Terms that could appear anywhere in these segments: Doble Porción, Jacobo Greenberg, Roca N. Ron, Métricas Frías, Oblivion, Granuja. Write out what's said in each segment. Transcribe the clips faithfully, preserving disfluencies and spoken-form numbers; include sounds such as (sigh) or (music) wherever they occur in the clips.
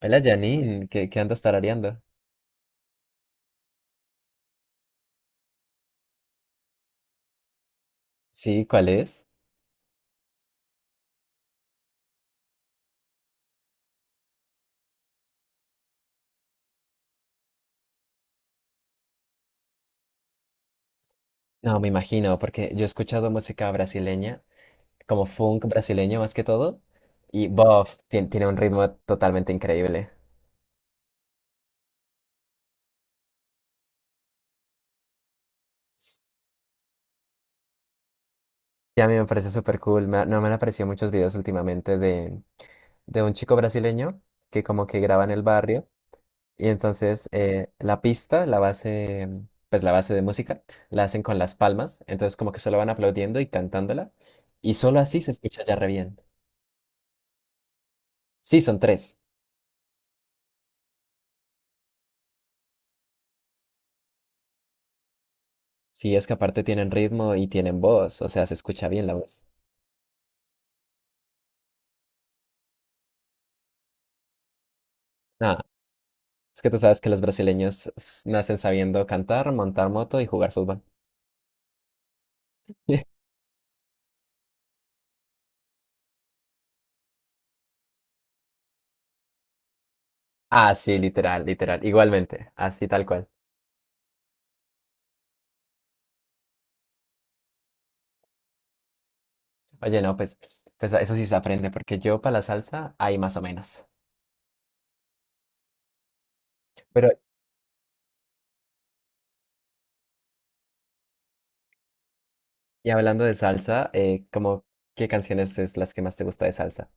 Hola Janine, ¿qué, qué andas tarareando? Sí, ¿cuál es? No, me imagino, porque yo he escuchado música brasileña, como funk brasileño más que todo, y bof, tien- tiene un ritmo totalmente increíble. Y a mí me parece súper cool, me ha- no me han aparecido muchos videos últimamente de, de un chico brasileño que como que graba en el barrio, y entonces eh, la pista, la base, pues la base de música, la hacen con las palmas, entonces como que solo van aplaudiendo y cantándola, y solo así se escucha ya re bien. Sí, son tres. Sí, es que aparte tienen ritmo y tienen voz, o sea, se escucha bien la voz. Nada, es que tú sabes que los brasileños s- nacen sabiendo cantar, montar moto y jugar fútbol. (laughs) Ah, sí, literal, literal, igualmente, así tal cual. Oye, no, pues, pues eso sí se aprende, porque yo para la salsa hay más o menos. Pero, y hablando de salsa, eh, como, ¿qué canciones es las que más te gusta de salsa?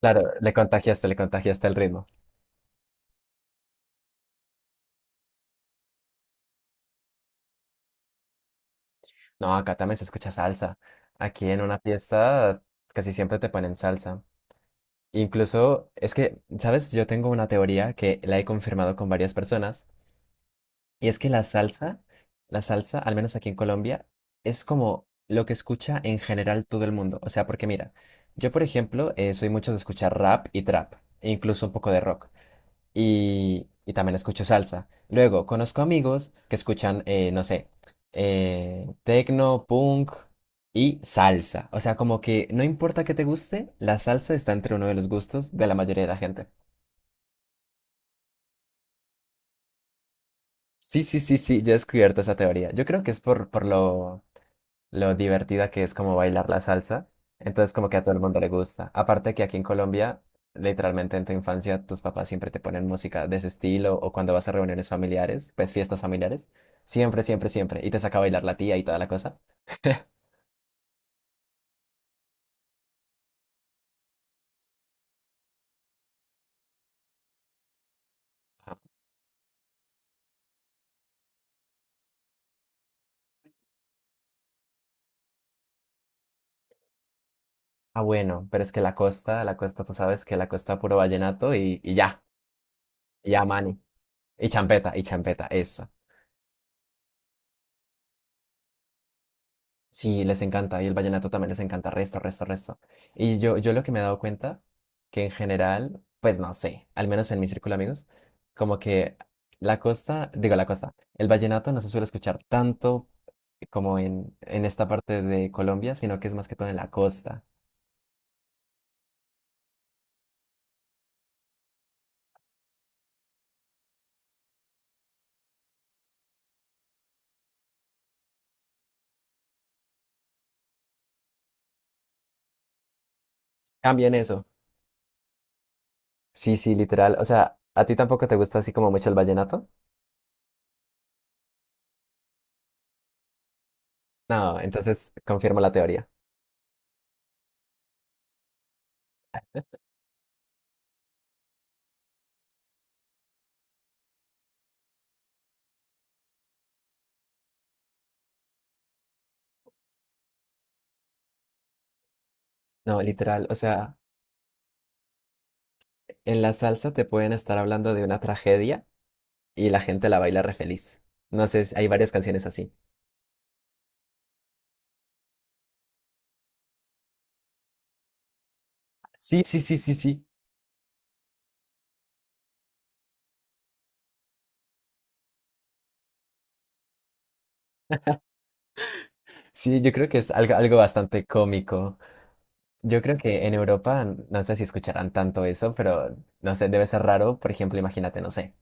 Claro, le contagiaste, le contagiaste el ritmo. No, acá también se escucha salsa. Aquí en una fiesta casi siempre te ponen salsa. Incluso, es que, ¿sabes? Yo tengo una teoría que la he confirmado con varias personas, y es que la salsa, la salsa, al menos aquí en Colombia, es como lo que escucha en general todo el mundo. O sea, porque mira, yo por ejemplo, eh, soy mucho de escuchar rap y trap, e incluso un poco de rock y, y también escucho salsa. Luego, conozco amigos que escuchan, eh, no sé, eh, tecno, punk y salsa. O sea, como que no importa qué te guste, la salsa está entre uno de los gustos de la mayoría de la gente. Sí, sí, sí, sí, yo he descubierto esa teoría. Yo creo que es por, por lo, lo, divertida que es como bailar la salsa. Entonces como que a todo el mundo le gusta. Aparte que aquí en Colombia, literalmente en tu infancia, tus papás siempre te ponen música de ese estilo o cuando vas a reuniones familiares, pues fiestas familiares. Siempre, siempre, siempre. Y te saca a bailar la tía y toda la cosa. (laughs) Ah, bueno, pero es que la costa, la costa, tú sabes que la costa puro vallenato y, y ya, y ya, mani. Y champeta, y champeta, eso. Sí, les encanta, y el vallenato también les encanta, resto, resto, resto. Y yo, yo lo que me he dado cuenta, que en general, pues no sé, al menos en mi círculo de amigos, como que la costa, digo la costa, el vallenato no se suele escuchar tanto como en, en esta parte de Colombia, sino que es más que todo en la costa. Cambien eso. Sí, sí, literal. O sea, ¿a ti tampoco te gusta así como mucho el vallenato? No, entonces confirmo la teoría. No, literal, o sea, en la salsa te pueden estar hablando de una tragedia y la gente la baila re feliz. No sé, hay varias canciones así. Sí, sí, sí, sí, sí. Sí, yo creo que es algo, algo bastante cómico. Yo creo que en Europa, no sé si escucharán tanto eso, pero no sé, debe ser raro. Por ejemplo, imagínate, no sé,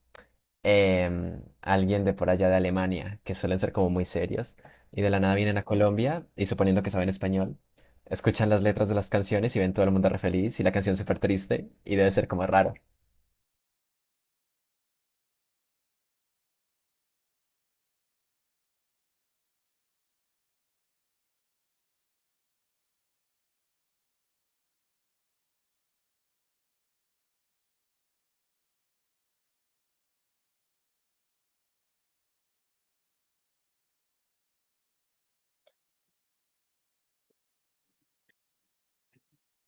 em, alguien de por allá de Alemania, que suelen ser como muy serios, y de la nada vienen a Colombia, y suponiendo que saben español, escuchan las letras de las canciones y ven todo el mundo re feliz y la canción súper triste, y debe ser como raro.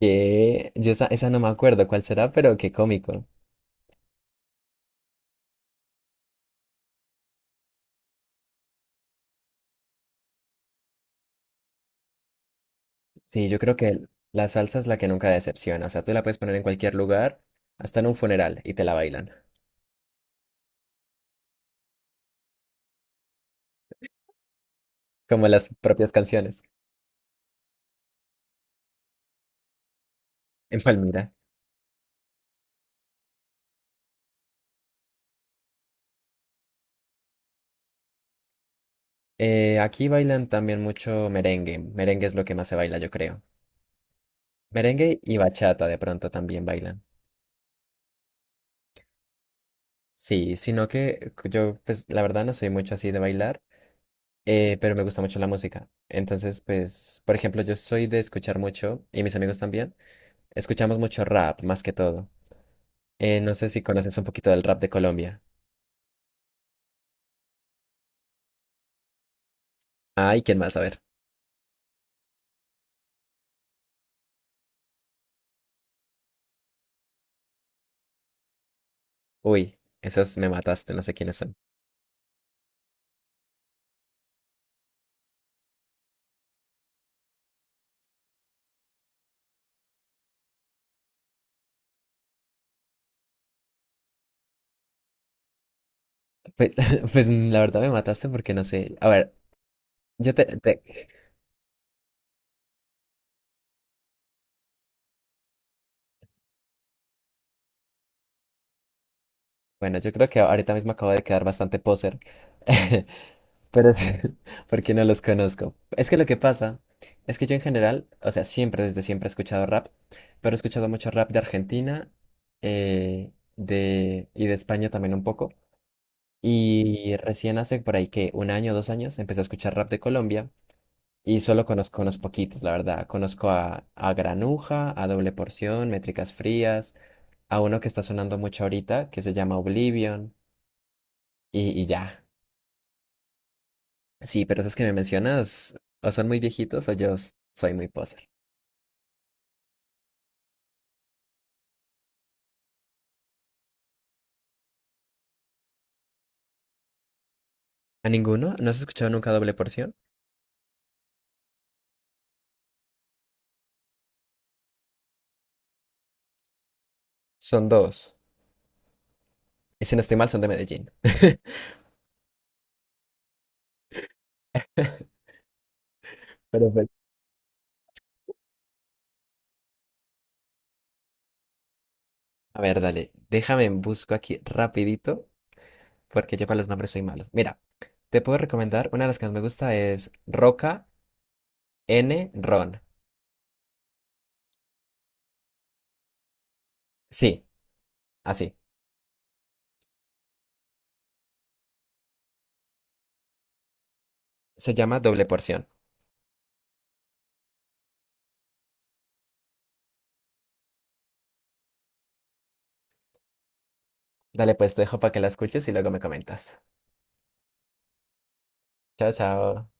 Que yo esa, esa no me acuerdo cuál será, pero qué cómico. Sí, yo creo que la salsa es la que nunca decepciona. O sea, tú la puedes poner en cualquier lugar, hasta en un funeral, y te la bailan. Como las propias canciones. En Palmira. Eh, aquí bailan también mucho merengue. Merengue es lo que más se baila, yo creo. Merengue y bachata de pronto también bailan. Sí, sino que yo, pues, la verdad no soy mucho así de bailar, eh, pero me gusta mucho la música. Entonces, pues, por ejemplo, yo soy de escuchar mucho, y mis amigos también, escuchamos mucho rap, más que todo. Eh, no sé si conoces un poquito del rap de Colombia. Ay, ¿quién más? A ver. Uy, esos me mataste, no sé quiénes son. Pues, (laughs) pues la verdad me mataste porque no sé. A ver, yo te, te- Bueno, yo creo que ahorita mismo acabo de quedar bastante poser. (laughs) Pero es (laughs) porque no los conozco. Es que lo que pasa es que yo en general, o sea, siempre, desde siempre he escuchado rap, pero he escuchado mucho rap de Argentina eh, de, y de España también un poco. Y recién hace por ahí que un año, dos años, empecé a escuchar rap de Colombia. Y solo conozco unos poquitos, la verdad. Conozco a, a Granuja, a Doble Porción, Métricas Frías, a uno que está sonando mucho ahorita, que se llama Oblivion, y, y ya. Sí, pero esos que me mencionas, o son muy viejitos o yo s- soy muy poser. ¿A ninguno? ¿No has escuchado nunca Doble Porción? Son dos. Y si no estoy mal, son de Medellín. (laughs) Perfecto. A ver, dale, déjame en busco aquí rapidito, porque yo para los nombres soy malo. Mira, te puedo recomendar, una de las que más me gusta es Roca N. Ron. Sí, así. Se llama Doble Porción. Dale, pues te dejo para que la escuches y luego me comentas. Chao, chao.